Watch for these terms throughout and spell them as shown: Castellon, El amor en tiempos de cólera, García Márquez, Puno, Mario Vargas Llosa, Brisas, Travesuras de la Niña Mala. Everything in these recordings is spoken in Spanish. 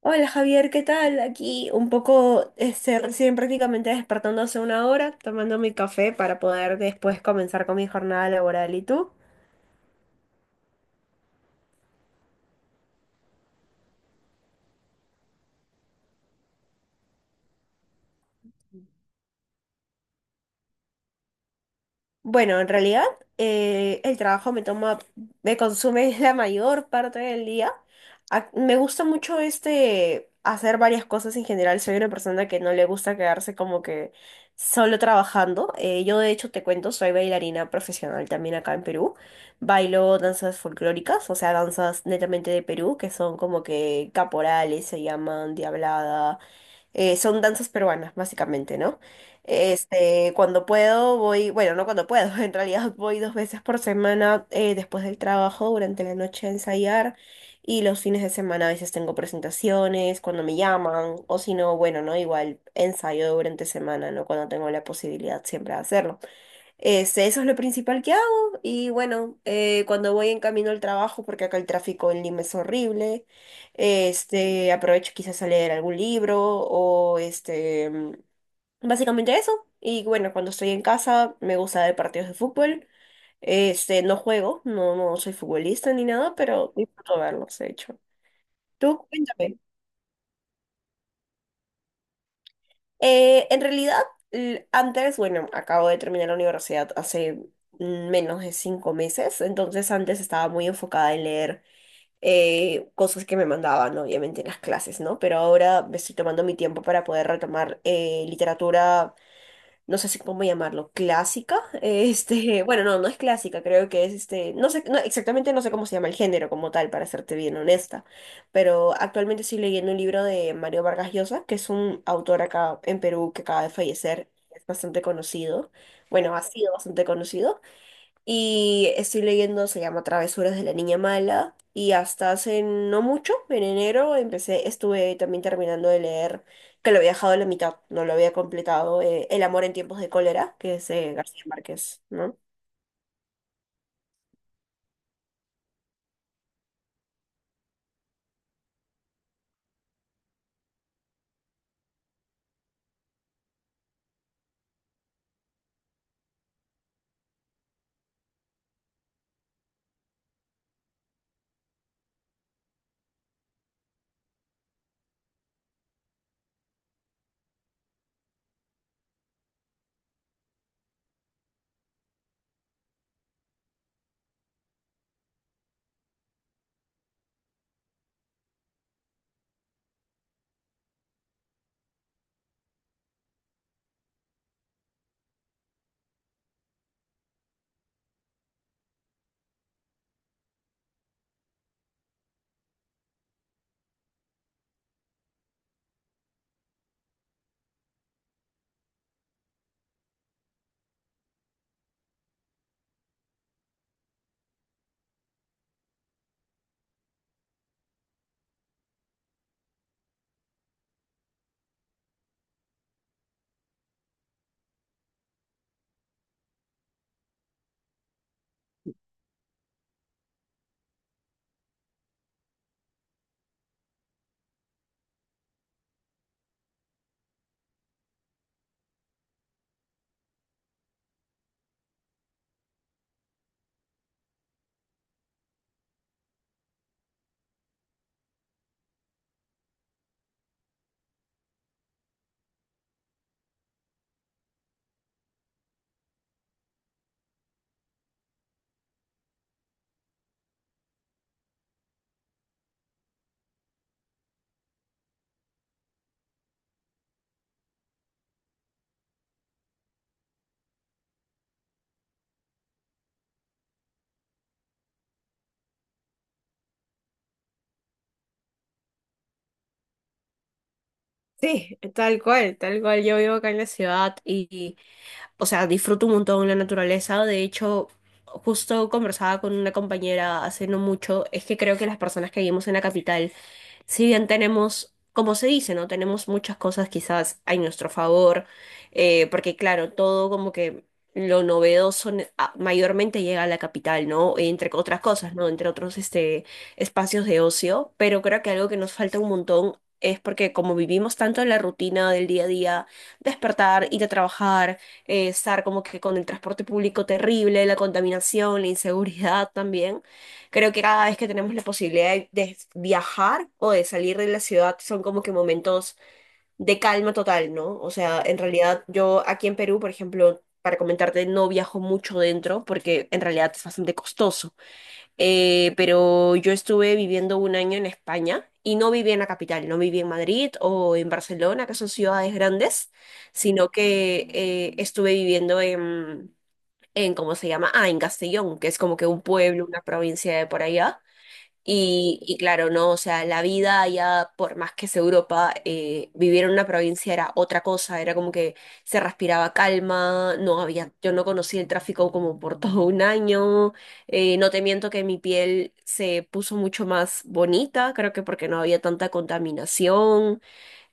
Hola Javier, ¿qué tal? Aquí un poco, recién prácticamente despertando hace una hora, tomando mi café para poder después comenzar con mi jornada laboral. ¿Y tú? Bueno, en realidad el trabajo me toma, me consume la mayor parte del día. Me gusta mucho hacer varias cosas en general. Soy una persona que no le gusta quedarse como que solo trabajando. Yo de hecho te cuento, soy bailarina profesional también acá en Perú. Bailo danzas folclóricas, o sea, danzas netamente de Perú, que son como que caporales, se llaman diablada, son danzas peruanas, básicamente, ¿no? Cuando puedo voy, bueno, no cuando puedo, en realidad voy 2 veces por semana después del trabajo, durante la noche a ensayar y los fines de semana a veces tengo presentaciones, cuando me llaman o si no, bueno, ¿no? Igual ensayo durante semana, ¿no? Cuando tengo la posibilidad siempre de hacerlo. Eso es lo principal que hago y bueno, cuando voy en camino al trabajo, porque acá el tráfico en Lima es horrible, aprovecho quizás a leer algún libro o básicamente eso. Y bueno, cuando estoy en casa me gusta ver partidos de fútbol, no juego, no, no soy futbolista ni nada, pero disfruto verlos, de hecho. Tú, cuéntame. En realidad, antes, bueno, acabo de terminar la universidad hace menos de 5 meses, entonces antes estaba muy enfocada en leer cosas que me mandaban, obviamente, en las clases, ¿no? Pero ahora me estoy tomando mi tiempo para poder retomar literatura no sé si cómo llamarlo, clásica. Bueno, no, no es clásica, creo que es no sé, no, exactamente no sé cómo se llama el género como tal, para serte bien honesta, pero actualmente estoy leyendo un libro de Mario Vargas Llosa, que es un autor acá en Perú que acaba de fallecer, es bastante conocido, bueno, ha sido bastante conocido. Y estoy leyendo, se llama Travesuras de la Niña Mala. Y hasta hace no mucho, en enero, empecé, estuve también terminando de leer, que lo había dejado a la mitad, no lo había completado, El amor en tiempos de cólera, que es de García Márquez, ¿no? Sí, tal cual, tal cual. Yo vivo acá en la ciudad o sea, disfruto un montón la naturaleza. De hecho, justo conversaba con una compañera hace no mucho, es que creo que las personas que vivimos en la capital si bien tenemos, como se dice, ¿no? Tenemos muchas cosas quizás a nuestro favor, porque claro, todo como que lo novedoso mayormente llega a la capital, ¿no? Entre otras cosas, ¿no? Entre otros espacios de ocio, pero creo que algo que nos falta un montón es porque como vivimos tanto en la rutina del día a día, despertar, ir a trabajar, estar como que con el transporte público terrible, la contaminación, la inseguridad también. Creo que cada vez que tenemos la posibilidad de viajar o de salir de la ciudad son como que momentos de calma total, ¿no? O sea, en realidad yo aquí en Perú, por ejemplo, para comentarte, no viajo mucho dentro porque en realidad es bastante costoso. Pero yo estuve viviendo un año en España y no viví en la capital, no viví en Madrid o en Barcelona, que son ciudades grandes, sino que estuve viviendo en, ¿cómo se llama? Ah, en Castellón, que es como que un pueblo, una provincia de por allá. Y claro, no, o sea, la vida allá, por más que es Europa, vivir en una provincia era otra cosa, era como que se respiraba calma, no había, yo no conocí el tráfico como por todo un año, no te miento que mi piel se puso mucho más bonita, creo que porque no había tanta contaminación,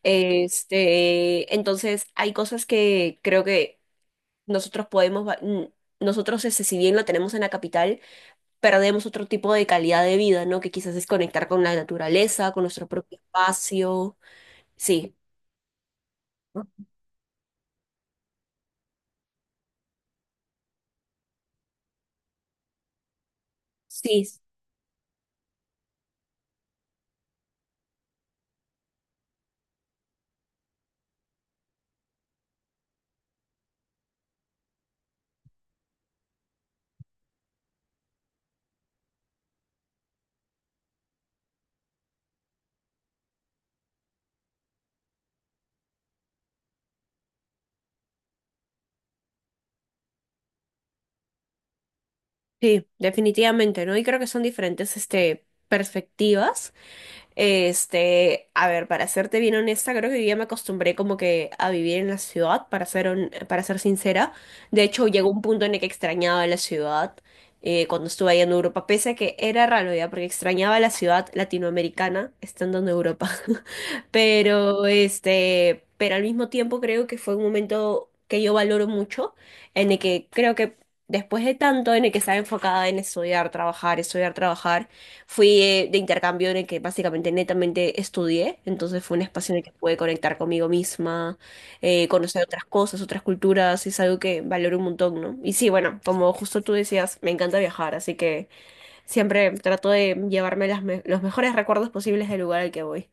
entonces hay cosas que creo que nosotros podemos, nosotros, ese, si bien lo tenemos en la capital, perdemos otro tipo de calidad de vida, ¿no? Que quizás es conectar con la naturaleza, con nuestro propio espacio. Sí, ¿no? Sí, sí, definitivamente, ¿no? Y creo que son diferentes, perspectivas. A ver, para serte bien honesta, creo que yo ya me acostumbré como que a vivir en la ciudad, para ser, para ser sincera. De hecho, llegó un punto en el que extrañaba la ciudad cuando estuve ahí en Europa, pese a que era raro ya, porque extrañaba la ciudad latinoamericana estando en Europa. Pero al mismo tiempo creo que fue un momento que yo valoro mucho, en el que creo que después de tanto, en el que estaba enfocada en estudiar, trabajar, fui de intercambio en el que básicamente netamente estudié, entonces fue un espacio en el que pude conectar conmigo misma, conocer otras cosas, otras culturas, es algo que valoro un montón, ¿no? Y sí, bueno, como justo tú decías, me encanta viajar, así que siempre trato de llevarme los mejores recuerdos posibles del lugar al que voy.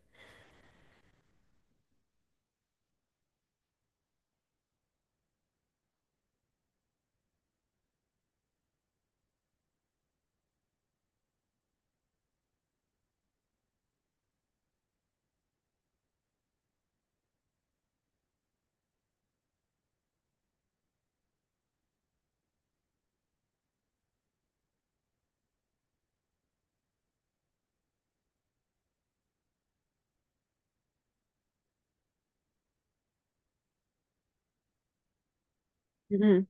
Ujú.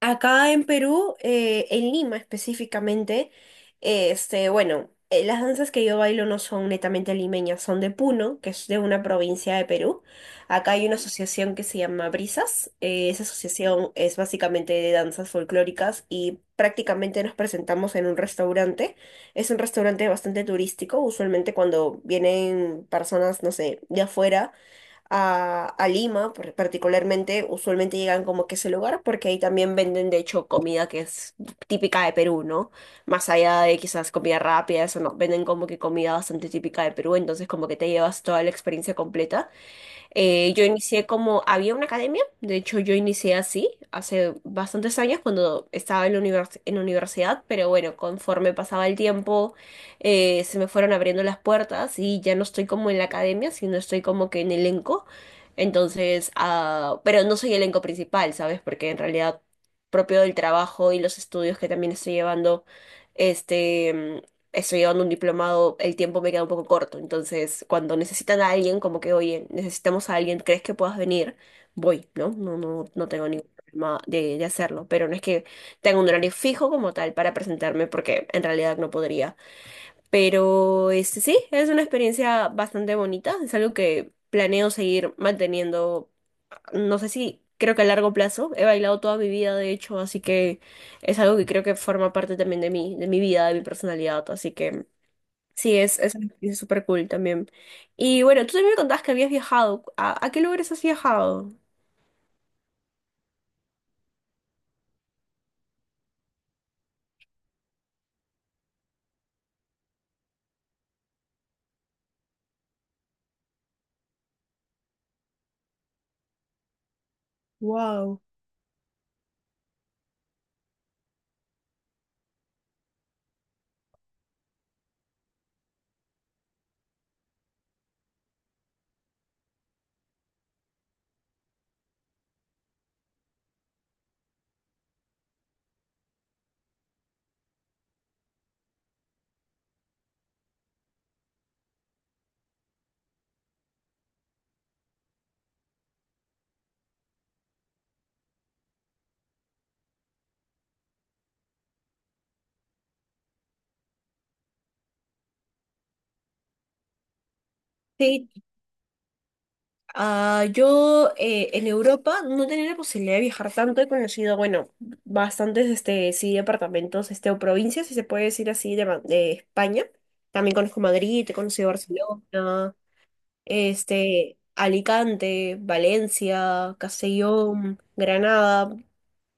Acá en Perú, en Lima específicamente, bueno, las danzas que yo bailo no son netamente limeñas, son de Puno, que es de una provincia de Perú. Acá hay una asociación que se llama Brisas. Esa asociación es básicamente de danzas folclóricas y prácticamente nos presentamos en un restaurante. Es un restaurante bastante turístico, usualmente cuando vienen personas, no sé, de afuera a Lima, particularmente, usualmente llegan como que a ese lugar porque ahí también venden, de hecho, comida que es típica de Perú, ¿no? Más allá de quizás comida rápida, eso no, venden como que comida bastante típica de Perú, entonces como que te llevas toda la experiencia completa. Yo inicié como, había una academia, de hecho yo inicié así hace bastantes años cuando estaba en la en la universidad, pero bueno, conforme pasaba el tiempo se me fueron abriendo las puertas y ya no estoy como en la academia, sino estoy como que en elenco. Entonces, ah, pero no soy elenco principal, ¿sabes? Porque en realidad propio del trabajo y los estudios que también estoy llevando, este estoy llevando un diplomado, el tiempo me queda un poco corto. Entonces, cuando necesitan a alguien, como que, oye, necesitamos a alguien, ¿crees que puedas venir? Voy, ¿no? No, no, no tengo ningún problema de hacerlo. Pero no es que tenga un horario fijo como tal para presentarme, porque en realidad no podría. Pero sí, es una experiencia bastante bonita. Es algo que planeo seguir manteniendo. No sé si. Creo que a largo plazo he bailado toda mi vida, de hecho, así que es algo que creo que forma parte también de mí, de mi vida, de mi personalidad, así que sí, es súper cool también. Y bueno, tú también me contabas que habías viajado. ¿A qué lugares has viajado? Wow. Sí, ah, yo en Europa no tenía la posibilidad de viajar tanto, he conocido, bueno, bastantes, sí, departamentos, o provincias, si se puede decir así, de, de España. También conozco Madrid, he conocido Barcelona, Alicante, Valencia, Castellón, Granada.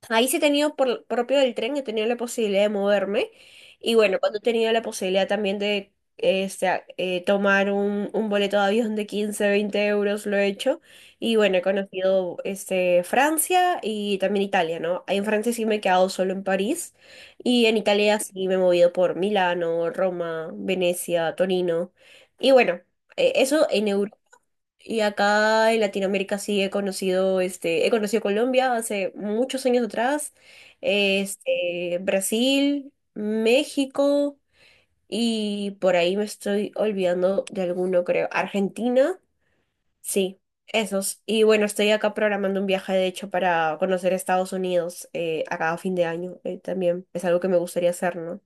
Ahí sí he tenido, por propio del tren, he tenido la posibilidad de moverme. Y bueno, cuando he tenido la posibilidad también de tomar un boleto de avión de 15-20 euros, lo he hecho. Y bueno, he conocido Francia y también Italia, ¿no? En Francia sí me he quedado solo en París. Y en Italia sí me he movido por Milano, Roma, Venecia, Torino. Y bueno, eso en Europa. Y acá en Latinoamérica sí he conocido, he conocido Colombia hace muchos años atrás, Brasil, México y por ahí me estoy olvidando de alguno, creo. Argentina, sí, esos. Y bueno, estoy acá programando un viaje, de hecho, para conocer Estados Unidos acá a fin de año. También es algo que me gustaría hacer, ¿no?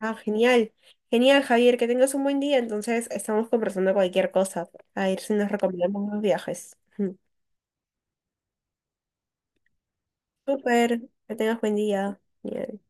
Ah, genial. Genial, Javier, que tengas un buen día. Entonces, estamos conversando cualquier cosa. A ver si nos recomendamos unos viajes. Ujú. Súper, que tengas buen día. Ya.